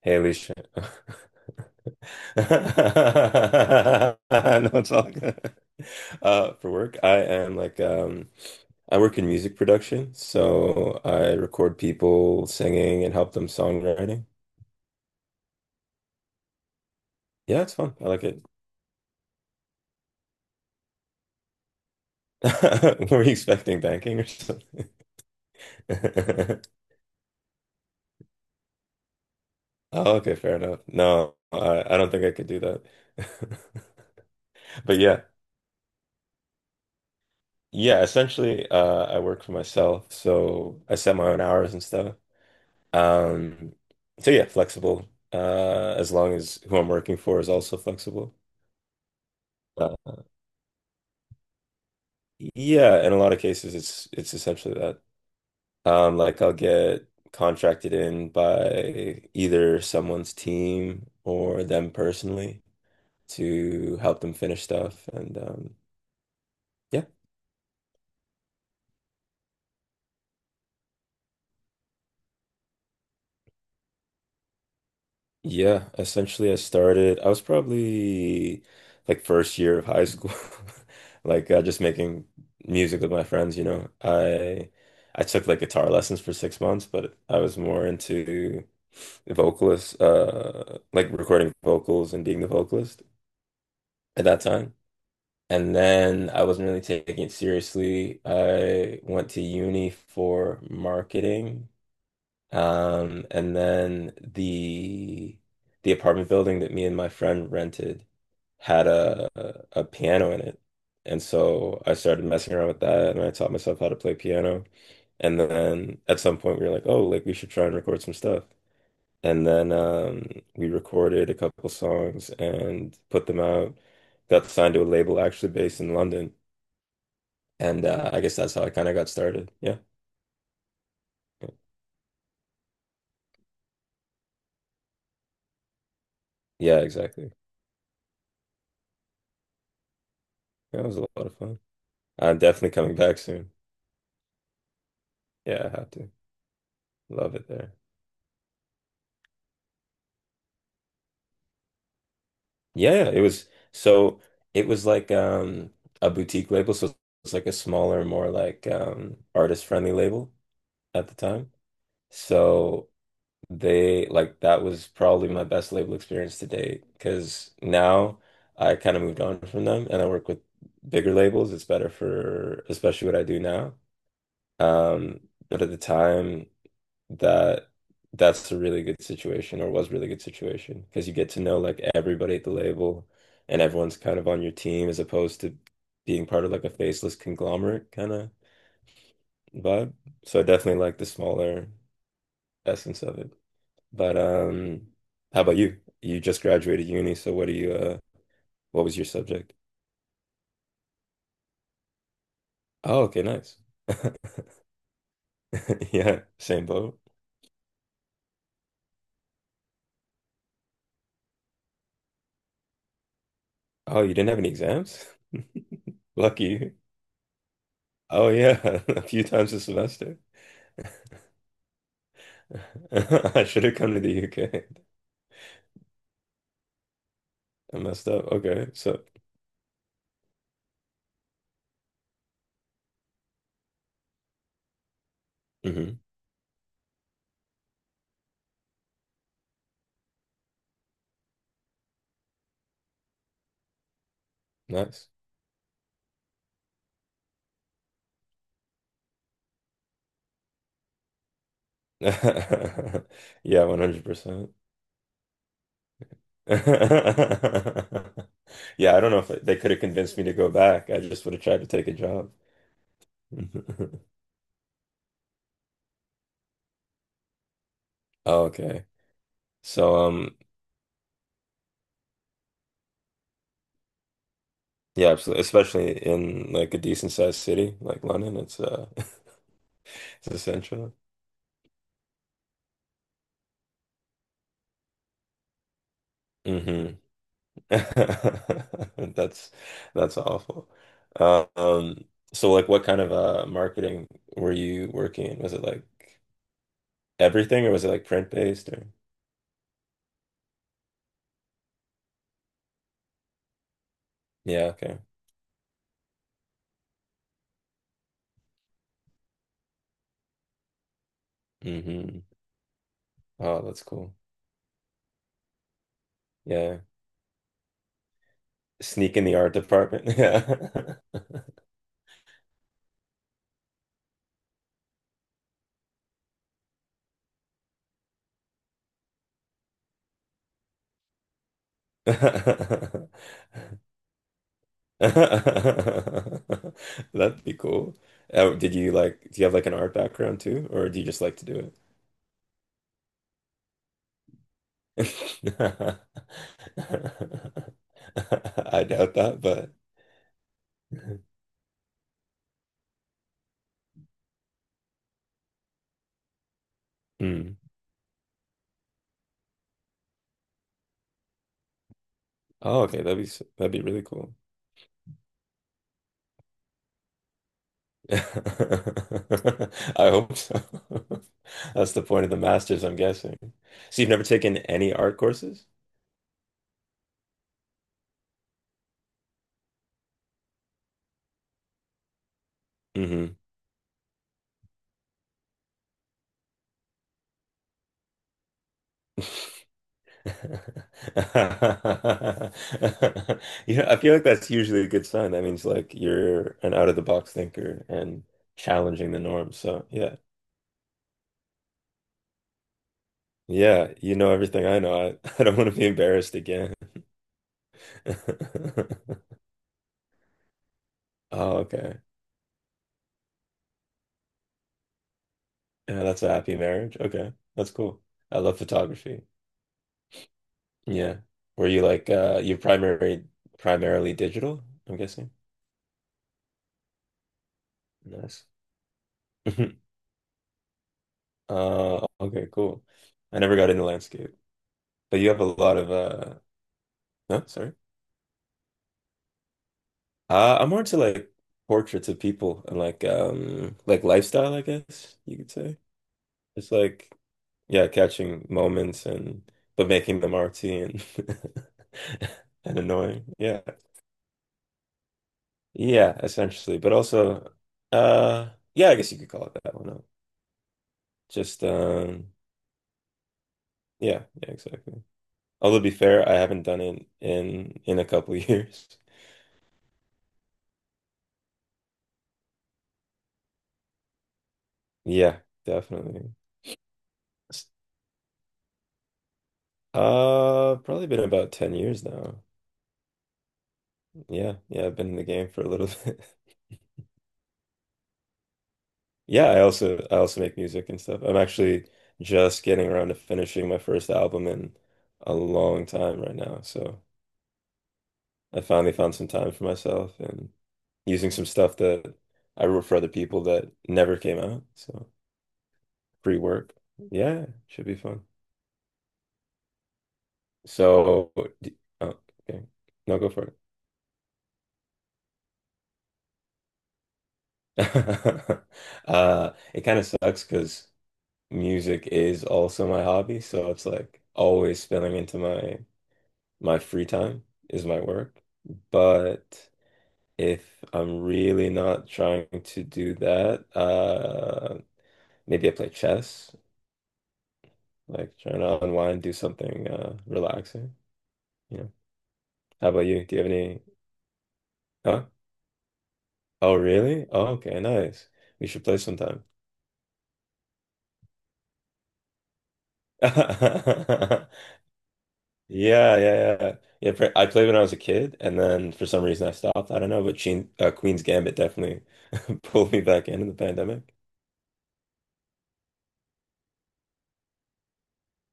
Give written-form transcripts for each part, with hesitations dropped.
Hey, Alicia. No, it's all good. For work, I am I work in music production, so I record people singing and help them songwriting. Yeah, it's fun. I like it. Were you expecting banking or something? Oh, okay, fair enough. No, I don't think I could do that. But yeah. Essentially, I work for myself, so I set my own hours and stuff. Um, so yeah, flexible. As long as who I'm working for is also flexible. Uh, yeah, in a lot of cases, it's essentially that. Like I'll get contracted in by either someone's team or them personally to help them finish stuff, and yeah. Yeah, essentially I started, I was probably like first year of high school, like just making music with my friends. I took like guitar lessons for 6 months, but I was more into vocalist, like recording vocals and being the vocalist at that time. And then I wasn't really taking it seriously. I went to uni for marketing, and then the apartment building that me and my friend rented had a piano in it. And so I started messing around with that and I taught myself how to play piano. And then at some point we were like, oh, like we should try and record some stuff. And then we recorded a couple songs and put them out. Got signed to a label actually based in London. And I guess that's how I kind of got started. Yeah. Yeah, exactly. That was a lot of fun. I'm definitely coming back soon. Yeah, I have to. Love it there. Yeah, it was it was like a boutique label, so it's like a smaller, more like artist friendly label at the time. So they that was probably my best label experience to date because now I kind of moved on from them and I work with bigger labels. It's better for especially what I do now. Um, but at the time that that's a really good situation or was really good situation because you get to know like everybody at the label and everyone's kind of on your team as opposed to being part of like a faceless conglomerate kind of vibe. So I definitely like the smaller essence of it. But how about you? You just graduated uni, so what do you what was your subject? Oh, okay, nice. Yeah, same boat. Oh, you didn't have any exams? Lucky you. Oh yeah, a few times a semester. I should have come to the UK. I messed up. Okay, so hmm nice. Yeah, 100%. Yeah, I don't know if they could have convinced me to go back. I just would have tried to take a job. Oh, okay. So yeah, absolutely. Especially in like a decent sized city like London, it's it's essential. Hmm That's that's awful. Uh, Um, so like what kind of marketing were you working in? Was it like everything or was it like print based or yeah, okay. hmm Oh, that's cool. Yeah. Sneak in the art department. Yeah. That'd be cool. Did you do you have like an art background too, or do you just like to do it? I doubt that, but Mm. Oh, okay. That'd be that'd be really cool. I hope so. That's the point of the master's, I'm guessing. So you've never taken any art courses? Hmm You know, I feel like that's usually a good sign. That means like you're an out of the box thinker and challenging the norm. So yeah, yeah, you know everything I know. I, I don't want to be embarrassed again. Oh, okay. Yeah, that's a happy marriage. Okay. That's cool. I love photography. Yeah. Were you like you primary primarily digital, I'm guessing? Nice. Okay, cool. I never got into landscape. But you have a lot of no, sorry. I'm more into like portraits of people and like lifestyle, I guess you could say. It's like yeah, catching moments and but making them artsy and and annoying. Yeah. Yeah, essentially. But also, yeah, I guess you could call it that one up. Just, yeah, yeah, exactly. Although to be fair, I haven't done it in a couple years. Yeah, definitely. S- probably been about 10 years now. Yeah, yeah, I've been in the game for a little bit. Yeah, I also make music and stuff. I'm actually just getting around to finishing my first album in a long time right now. So I finally found some time for myself and using some stuff that I wrote for other people that never came out. So free work. Yeah, should be fun. So, oh, okay. No, go for it. It kind of sucks because music is also my hobby, so it's like always spilling into my free time is my work. But if I'm really not trying to do that, maybe I play chess. Like trying to unwind, do something relaxing. You know, how about you? Do you have any? Huh? Oh, really? Oh, okay, nice. We should play sometime. Yeah, yeah, yeah. Yeah, I played when I was a kid, and then for some reason I stopped. I don't know, but Sheen, Queen's Gambit definitely pulled me back in the pandemic.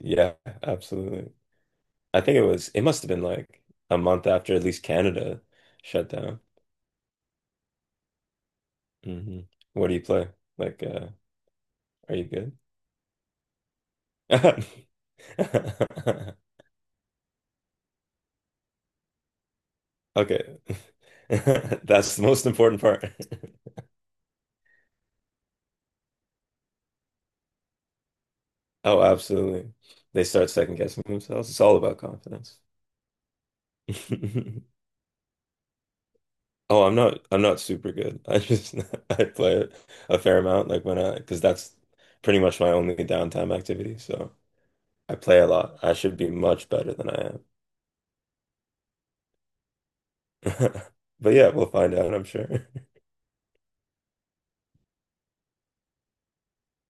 Yeah, absolutely. I think it was, it must have been like a month after at least Canada shut down. Hmm What do you play? Like, are you good? Okay. That's the most important part. Oh, absolutely. They start second guessing themselves. It's all about confidence. Oh, I'm not super good. I just I play a fair amount when I because that's pretty much my only downtime activity. So I play a lot. I should be much better than I am. But yeah, we'll find out, I'm sure.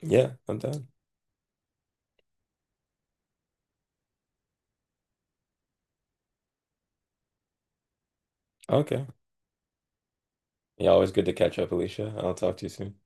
Yeah, I'm done. Okay. Yeah, always good to catch up, Alicia. I'll talk to you soon.